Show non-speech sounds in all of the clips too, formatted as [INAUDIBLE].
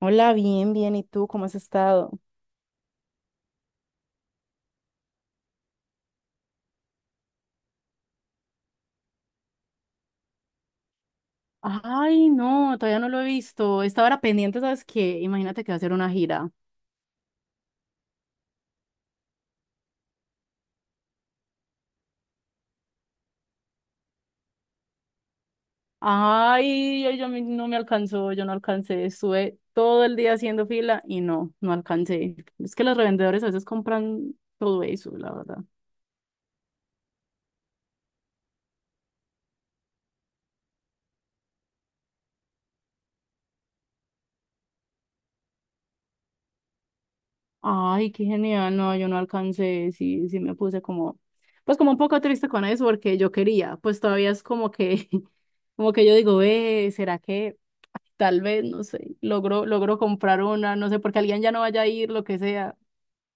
Hola, bien, bien. ¿Y tú cómo has estado? Ay, no, todavía no lo he visto. Estaba era pendiente, ¿sabes qué? Imagínate que va a hacer una gira. Ay, ay, yo me no me alcanzó, yo no alcancé. Estuve todo el día haciendo fila y no alcancé. Es que los revendedores a veces compran todo eso, la verdad. Ay, qué genial. No, yo no alcancé, sí, sí me puse como, pues como un poco triste con eso porque yo quería, pues todavía es como que, [LAUGHS] como que yo digo, ve, ¿será que tal vez, no sé, logro comprar una, no sé, porque alguien ya no vaya a ir, lo que sea?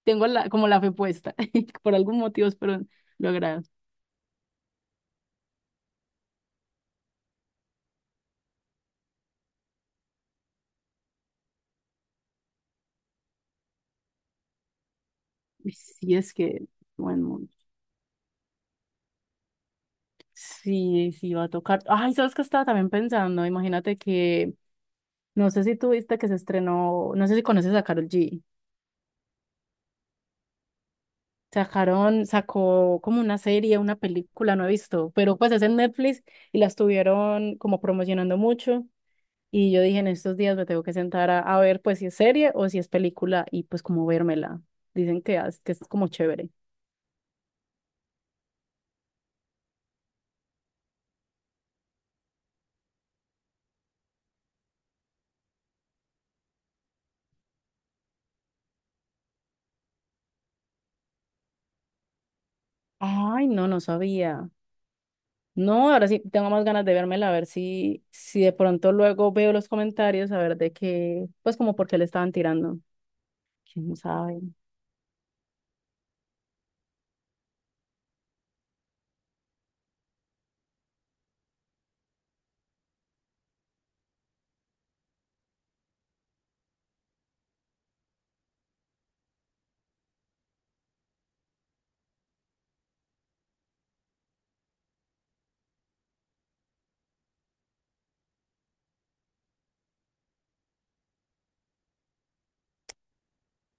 Tengo la, como la fe puesta, [LAUGHS] por algún motivo espero lograr. Y sí, es que, bueno, sí, sí va a tocar. Ay, ¿sabes qué estaba también pensando? Imagínate que, no sé si tú viste que se estrenó, no sé si conoces a Karol G. Sacaron, sacó como una serie, una película, no he visto, pero pues es en Netflix y la estuvieron como promocionando mucho. Y yo dije, en estos días me tengo que sentar a ver pues si es serie o si es película y pues como vérmela. Dicen que, que es como chévere. Ay, no, no sabía. No, ahora sí tengo más ganas de vérmela, a ver si, si de pronto luego veo los comentarios, a ver de qué, pues como por qué le estaban tirando. ¿Quién sabe?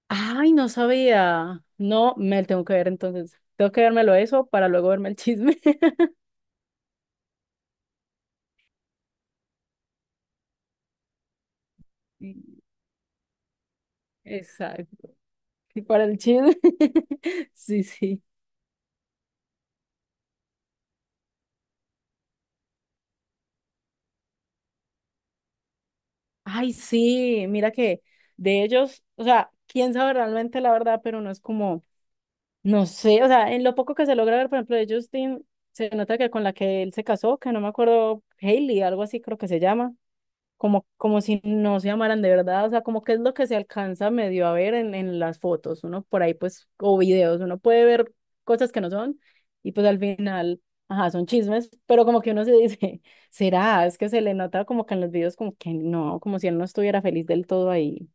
Ay, no sabía. No, me lo tengo que ver entonces. Tengo que vérmelo eso para luego verme el chisme. [LAUGHS] Sí, exacto. Y para el chisme. [LAUGHS] Sí, sí. Ay, sí, mira que de ellos, o sea, quién sabe realmente la verdad, pero no es como, no sé, o sea, en lo poco que se logra ver, por ejemplo, de Justin, se nota que con la que él se casó, que no me acuerdo, Hailey, algo así creo que se llama. Como, como si no se amaran de verdad, o sea, como que es lo que se alcanza medio a ver en las fotos, uno por ahí pues, o videos, uno puede ver cosas que no son y pues al final, ajá, son chismes, pero como que uno se dice, [LAUGHS] será, es que se le nota como que en los videos como que no, como si él no estuviera feliz del todo ahí.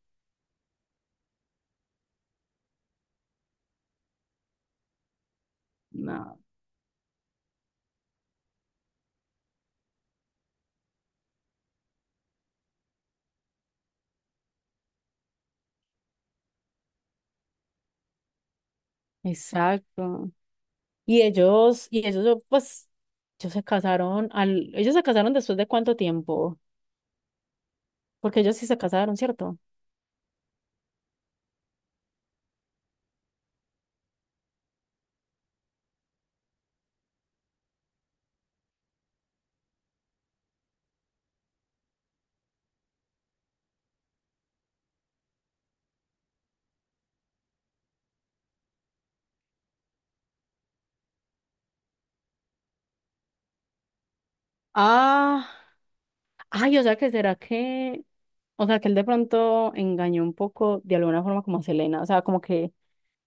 No. Exacto. Y ellos, pues, ellos se casaron al, ellos se casaron después de cuánto tiempo, porque ellos sí se casaron, ¿cierto? Ah, ay, o sea que será que, o sea, que él de pronto engañó un poco de alguna forma como a Selena, o sea, como que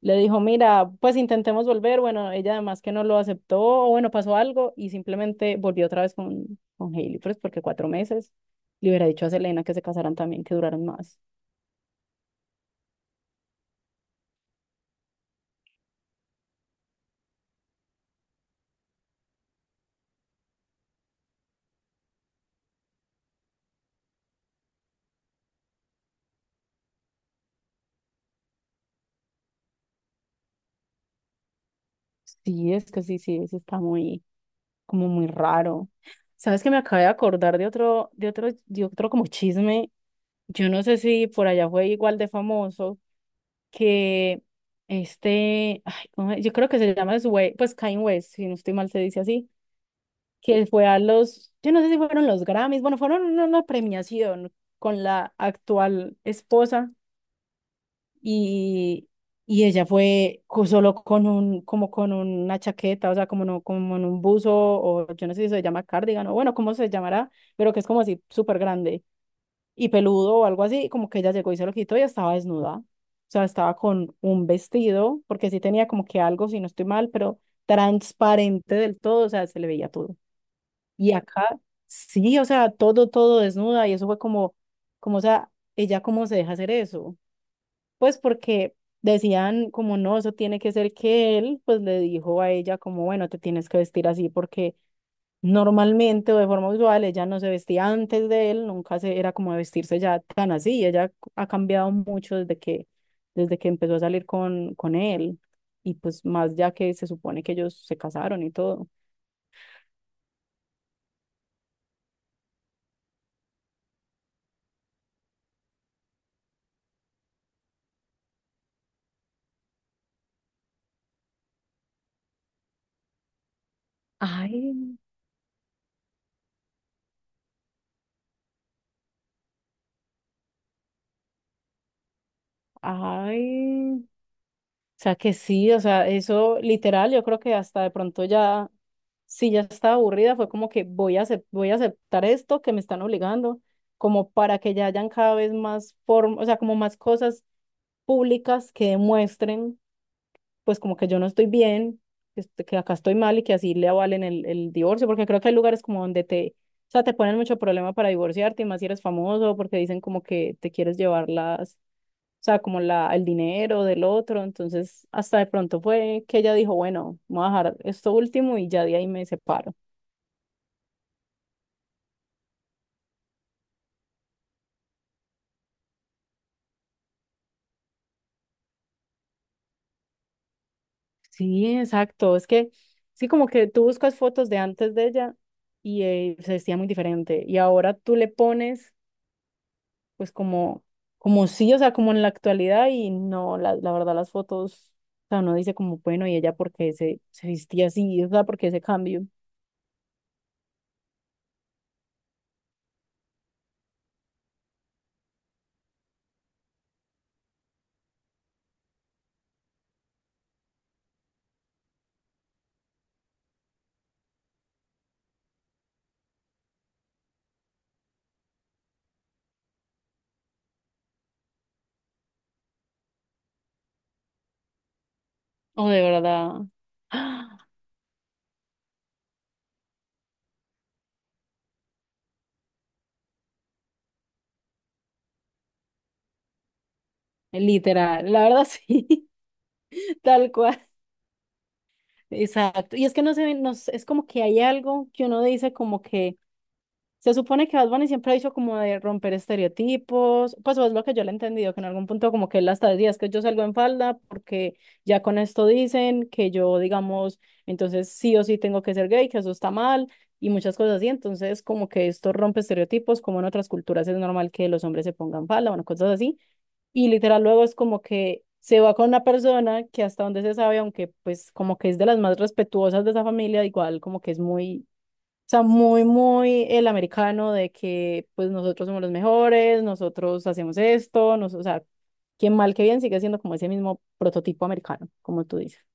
le dijo, mira, pues intentemos volver, bueno, ella además que no lo aceptó, o bueno, pasó algo y simplemente volvió otra vez con Hailey, pues porque 4 meses le hubiera dicho a Selena que se casaran también, que duraran más. Sí, es que sí, sí, eso está muy, como muy raro. ¿Sabes que me acabé de acordar de otro, de otro como chisme? Yo no sé si por allá fue igual de famoso que este, ay, ¿cómo es? Yo creo que se llama Sway, pues Kanye West, si no estoy mal se dice así, que fue a los, yo no sé si fueron los Grammys, bueno, fueron una premiación con la actual esposa y, y ella fue solo con un, como con una chaqueta, o sea, como, no, como en un buzo, o yo no sé si se llama cardigan, o bueno, cómo se llamará, pero que es como así súper grande y peludo o algo así, y como que ella llegó y se lo quitó y estaba desnuda. O sea, estaba con un vestido, porque sí tenía como que algo, si no estoy mal, pero transparente del todo, o sea, se le veía todo. Y acá, sí, o sea, todo, todo desnuda, y eso fue como, como, o sea, ella cómo se deja hacer eso. Pues porque decían como no, eso tiene que ser que él, pues le dijo a ella como, bueno, te tienes que vestir así porque normalmente o de forma usual, ella no se vestía antes de él, nunca se, era como de vestirse ya tan así. Ella ha cambiado mucho desde que empezó a salir con él. Y pues más ya que se supone que ellos se casaron y todo. Ay, ay, o sea que sí, o sea, eso literal, yo creo que hasta de pronto ya, si ya estaba aburrida, fue como que voy a, voy a aceptar esto que me están obligando, como para que ya hayan cada vez más formas, o sea, como más cosas públicas que demuestren, pues como que yo no estoy bien, este, que acá estoy mal y que así le avalen el divorcio, porque creo que hay lugares como donde te, o sea, te ponen mucho problema para divorciarte y más si eres famoso, porque dicen como que te quieres llevar las, o sea, como la, el dinero del otro, entonces hasta de pronto fue que ella dijo, bueno, voy a dejar esto último y ya de ahí me separo. Sí, exacto, es que sí, como que tú buscas fotos de antes de ella y se vestía muy diferente y ahora tú le pones pues como, como sí, o sea, como en la actualidad y no, la verdad las fotos, o sea, uno dice como, bueno, y ella porque se vestía así, o sea, porque ese cambio, o de verdad, ¡ah! Literal, la verdad sí, [LAUGHS] tal cual, exacto, y es que no se ve, no, sé, es como que hay algo que uno dice como que se supone que Bad Bunny siempre ha dicho como de romper estereotipos, pues eso es lo que yo le he entendido, que en algún punto como que él hasta decía, es que yo salgo en falda porque ya con esto dicen que yo, digamos, entonces sí o sí tengo que ser gay, que eso está mal y muchas cosas así, entonces como que esto rompe estereotipos, como en otras culturas es normal que los hombres se pongan falda, bueno, cosas así, y literal luego es como que se va con una persona que hasta donde se sabe, aunque pues como que es de las más respetuosas de esa familia, igual como que es muy, o sea, muy, muy el americano de que pues nosotros somos los mejores, nosotros hacemos esto, nos, o sea, quien mal que bien sigue siendo como ese mismo prototipo americano, como tú dices.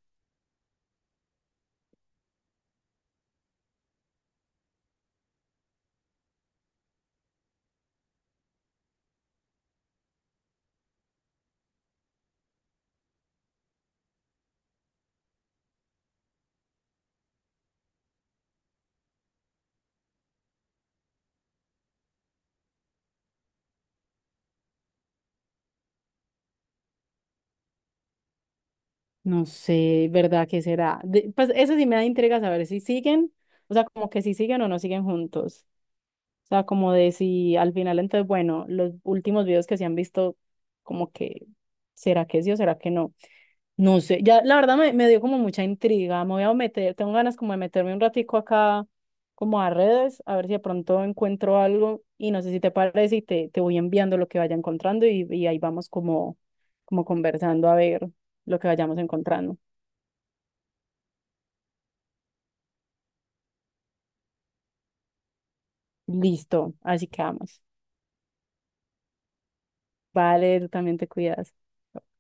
No sé, ¿verdad? ¿Qué será? Pues eso sí me da intriga saber si siguen, o sea, como que si siguen o no siguen juntos. O sea, como de si al final, entonces, bueno, los últimos videos que se han visto, como que, ¿será que sí o será que no? No sé, ya la verdad me, me dio como mucha intriga, me voy a meter, tengo ganas como de meterme un ratico acá como a redes, a ver si de pronto encuentro algo y no sé si te parece y te voy enviando lo que vaya encontrando y ahí vamos como, como conversando a ver lo que vayamos encontrando. Listo, así que vamos. Vale, tú también te cuidas.